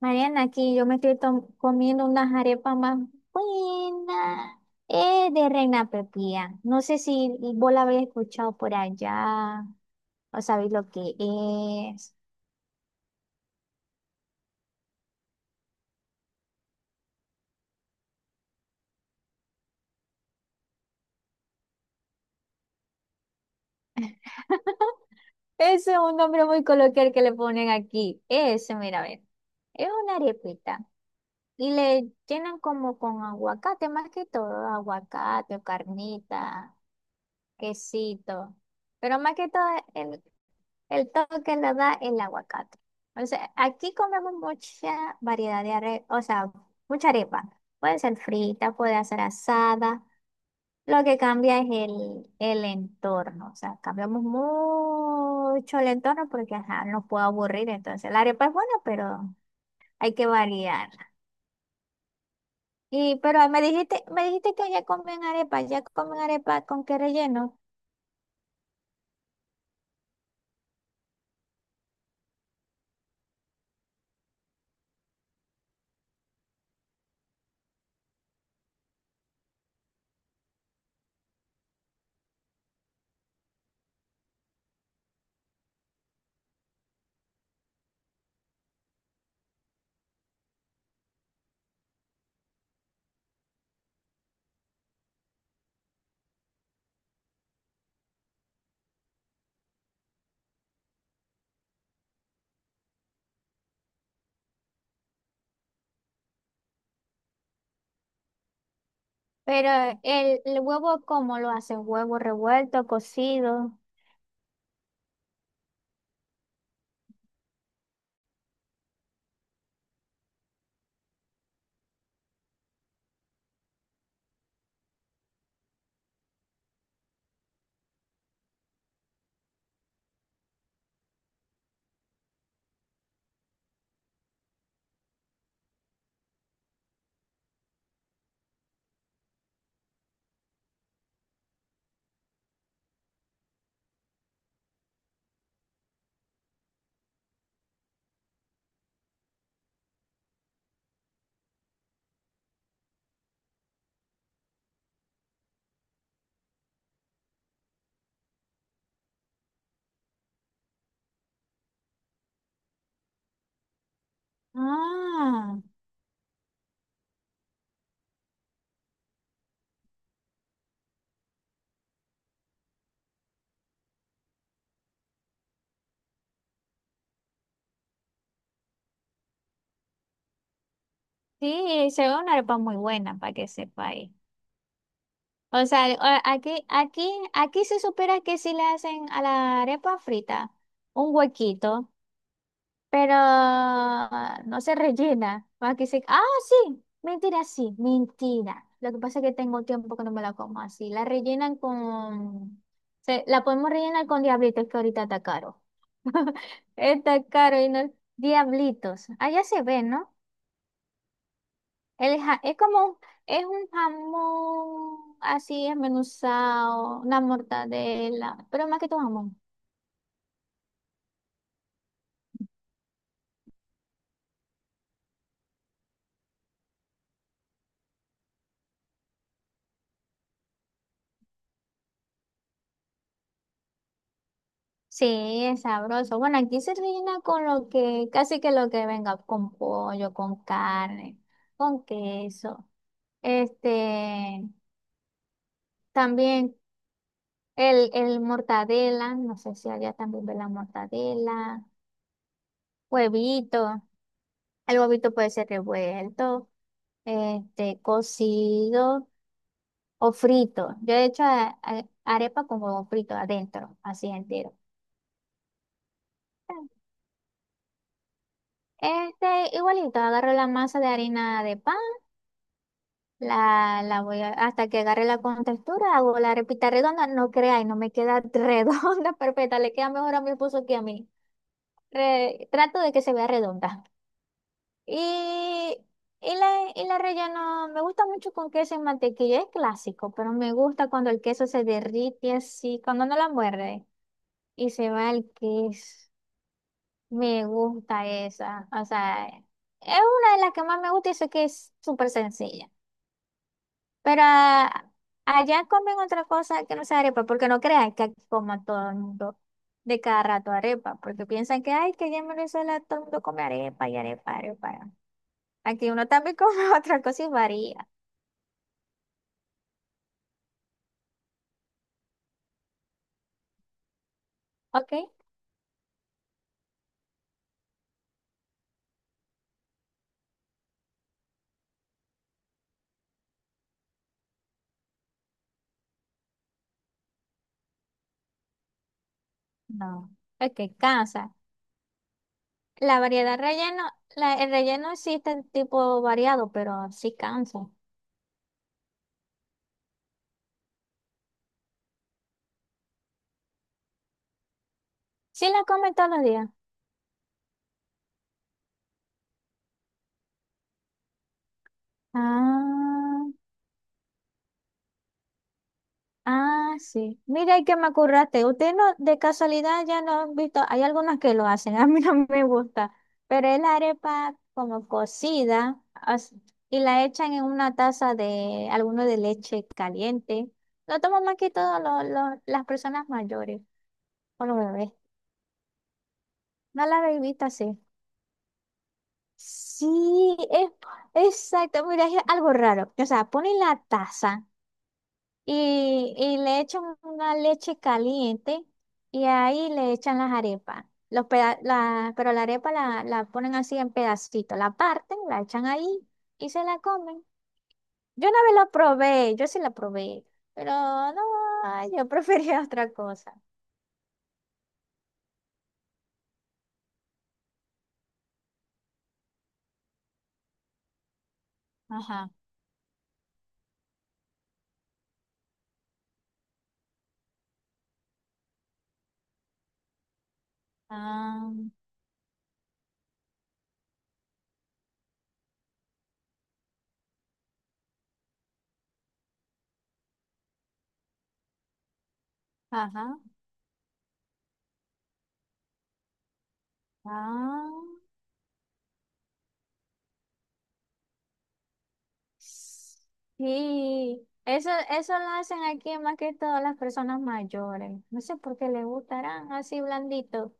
Mariana, aquí yo me estoy comiendo unas arepas más buenas. De Reina Pepía. No sé si vos la habéis escuchado por allá o sabéis lo que es. Ese es un nombre muy coloquial que le ponen aquí. Ese, mira, a ver. Es una arepita. Y le llenan como con aguacate, más que todo, aguacate o carnita. Quesito. Pero más que todo, el, el toque lo da el aguacate. O sea, aquí comemos mucha variedad de arepa, o sea, mucha arepa. Puede ser frita, puede ser asada. Lo que cambia es el entorno. O sea, cambiamos mucho el entorno porque ajá, nos puede aburrir. Entonces, la arepa es buena, pero hay que variar. Y, pero me dijiste que ya comen arepa con qué relleno. Pero el huevo, ¿cómo lo hacen? ¿Huevo revuelto, cocido? Ah, sí, se ve una arepa muy buena para que sepa ahí. O sea, aquí, aquí se supera que sí le hacen a la arepa frita un huequito, pero no se rellena. Aquí se... Ah, sí, mentira, sí, mentira. Lo que pasa es que tengo tiempo que no me la como así. La rellenan con... la podemos rellenar con diablitos que ahorita está caro Está caro y no. Diablitos. Allá se ve, ¿no? El es como es un jamón así esmenuzado, una mortadela, pero más que tu jamón. Sí, es sabroso. Bueno, aquí se rellena con lo que, casi que lo que venga, con pollo, con carne, con queso. Este, también el mortadela, no sé si allá también ve la mortadela, huevito. El huevito puede ser revuelto. Este, cocido o frito. Yo he hecho arepa con huevo frito adentro, así entero. Este, igualito, agarro la masa de harina de pan, la voy hasta que agarre la contextura, hago la arepita redonda, no creáis, no me queda redonda perfecta, le queda mejor a mi esposo que a mí. Trato de que se vea redonda. Y, y la relleno, me gusta mucho con queso y mantequilla, es clásico, pero me gusta cuando el queso se derrite así, cuando no la muerde y se va el queso. Me gusta esa, o sea, es una de las que más me gusta y sé que es súper sencilla. Pero ah, allá comen otra cosa que no sea arepa, porque no crean que aquí coma todo el mundo de cada rato arepa, porque piensan que, ay, que allá en Venezuela todo el mundo come arepa y arepa, arepa. Aquí uno también come otra cosa y varía, ¿ok? No. Ok, cansa. La variedad relleno, el relleno existe en tipo variado, pero sí cansa. Sí la comen todos los días. Ah. Ah, sí. Mira, y que me acurraste. Usted no, de casualidad ya no han visto, hay algunas que lo hacen, a mí no me gusta, pero es la arepa como cocida y la echan en una taza de alguno de leche caliente. Lo toman más que todo las personas mayores o los bebés. No la habéis visto así. Sí, es exacto. Mira, es algo raro. O sea, ponen la taza. Y le echan una leche caliente y ahí le echan las arepas. Pero la arepa la ponen así en pedacitos, la parten, la echan ahí y se la comen. Yo una vez la probé, yo sí la probé, pero no, ay, yo prefería otra cosa. Ajá. Ah, ajá. Ah. Sí, eso lo hacen aquí más que todas las personas mayores. No sé por qué les gustarán así blandito.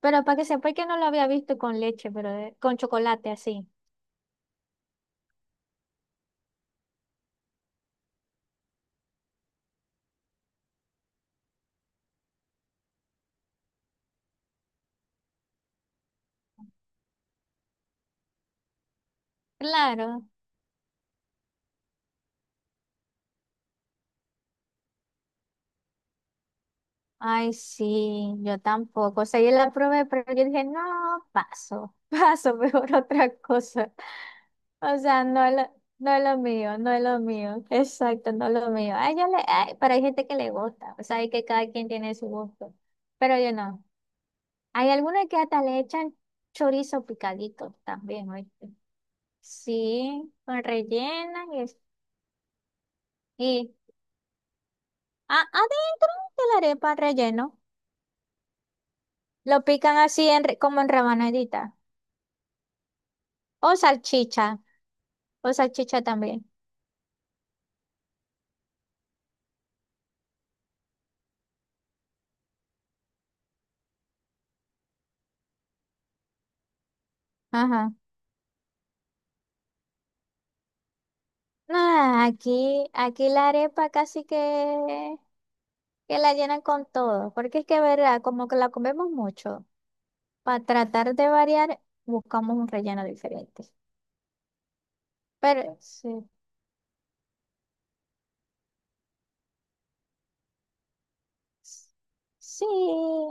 Pero para que sepa que no lo había visto con leche, pero con chocolate así. Claro. Ay, sí, yo tampoco. O sea, yo la probé, pero yo dije, no, paso, paso, mejor otra cosa. O sea, no es lo mío, no es lo mío. Exacto, no es lo mío. Ay, yo le, ay, pero hay gente que le gusta. O sea, hay que cada quien tiene su gusto. Pero yo no. Hay algunas que hasta le echan chorizo picadito también, ¿oíste? Sí, con rellena y, adentro de la arepa relleno. Lo pican así en como en rabanadita. O salchicha. O salchicha también. Ajá. Ah, aquí la arepa casi que la llenan con todo. Porque es que, verdad, como que la comemos mucho. Para tratar de variar, buscamos un relleno diferente. Pero sí. Sí,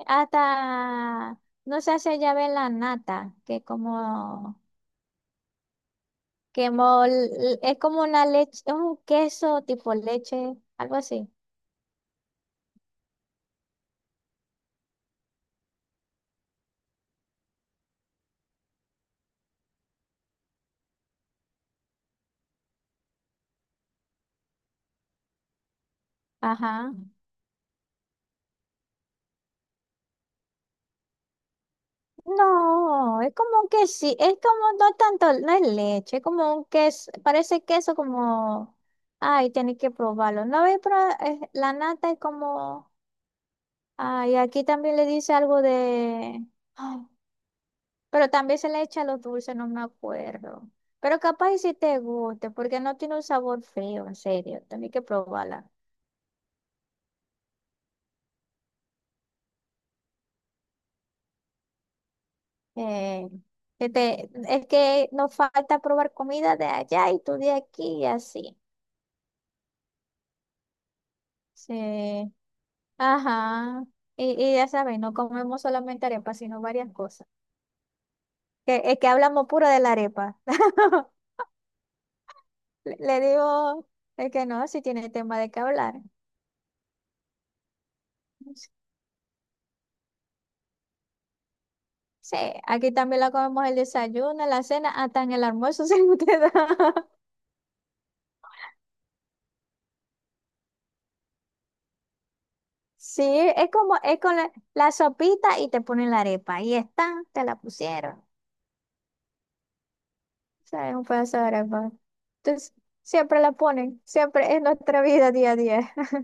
hasta no se hace llave la nata, que como que es como una leche, es un queso tipo leche, algo así. Ajá. No, es como que sí, es como no tanto, no es leche, es como un queso, parece queso como, ay, tenés que probarlo. No habéis probado, la nata es como, ay, aquí también le dice algo de, ay, pero también se le echa los dulces, no me acuerdo. Pero capaz y si te guste, porque no tiene un sabor feo, en serio, tenés que probarla. Eh, este, es que nos falta probar comida de allá y tú de aquí y así. Sí, ajá. Y ya sabes, no comemos solamente arepa, sino varias cosas. Que, es que hablamos puro de la arepa. Le digo, es que no, si tiene tema de qué hablar. Sí, aquí también la comemos el desayuno, la cena, hasta en el almuerzo se nos queda. Sí, es como, es con la sopita y te ponen la arepa. Ahí está, te la pusieron. Sí, un pedazo de arepa. Entonces, siempre la ponen, siempre es nuestra vida día a día.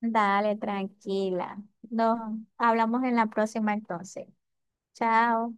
Dale, tranquila. Nos hablamos en la próxima entonces. Chao.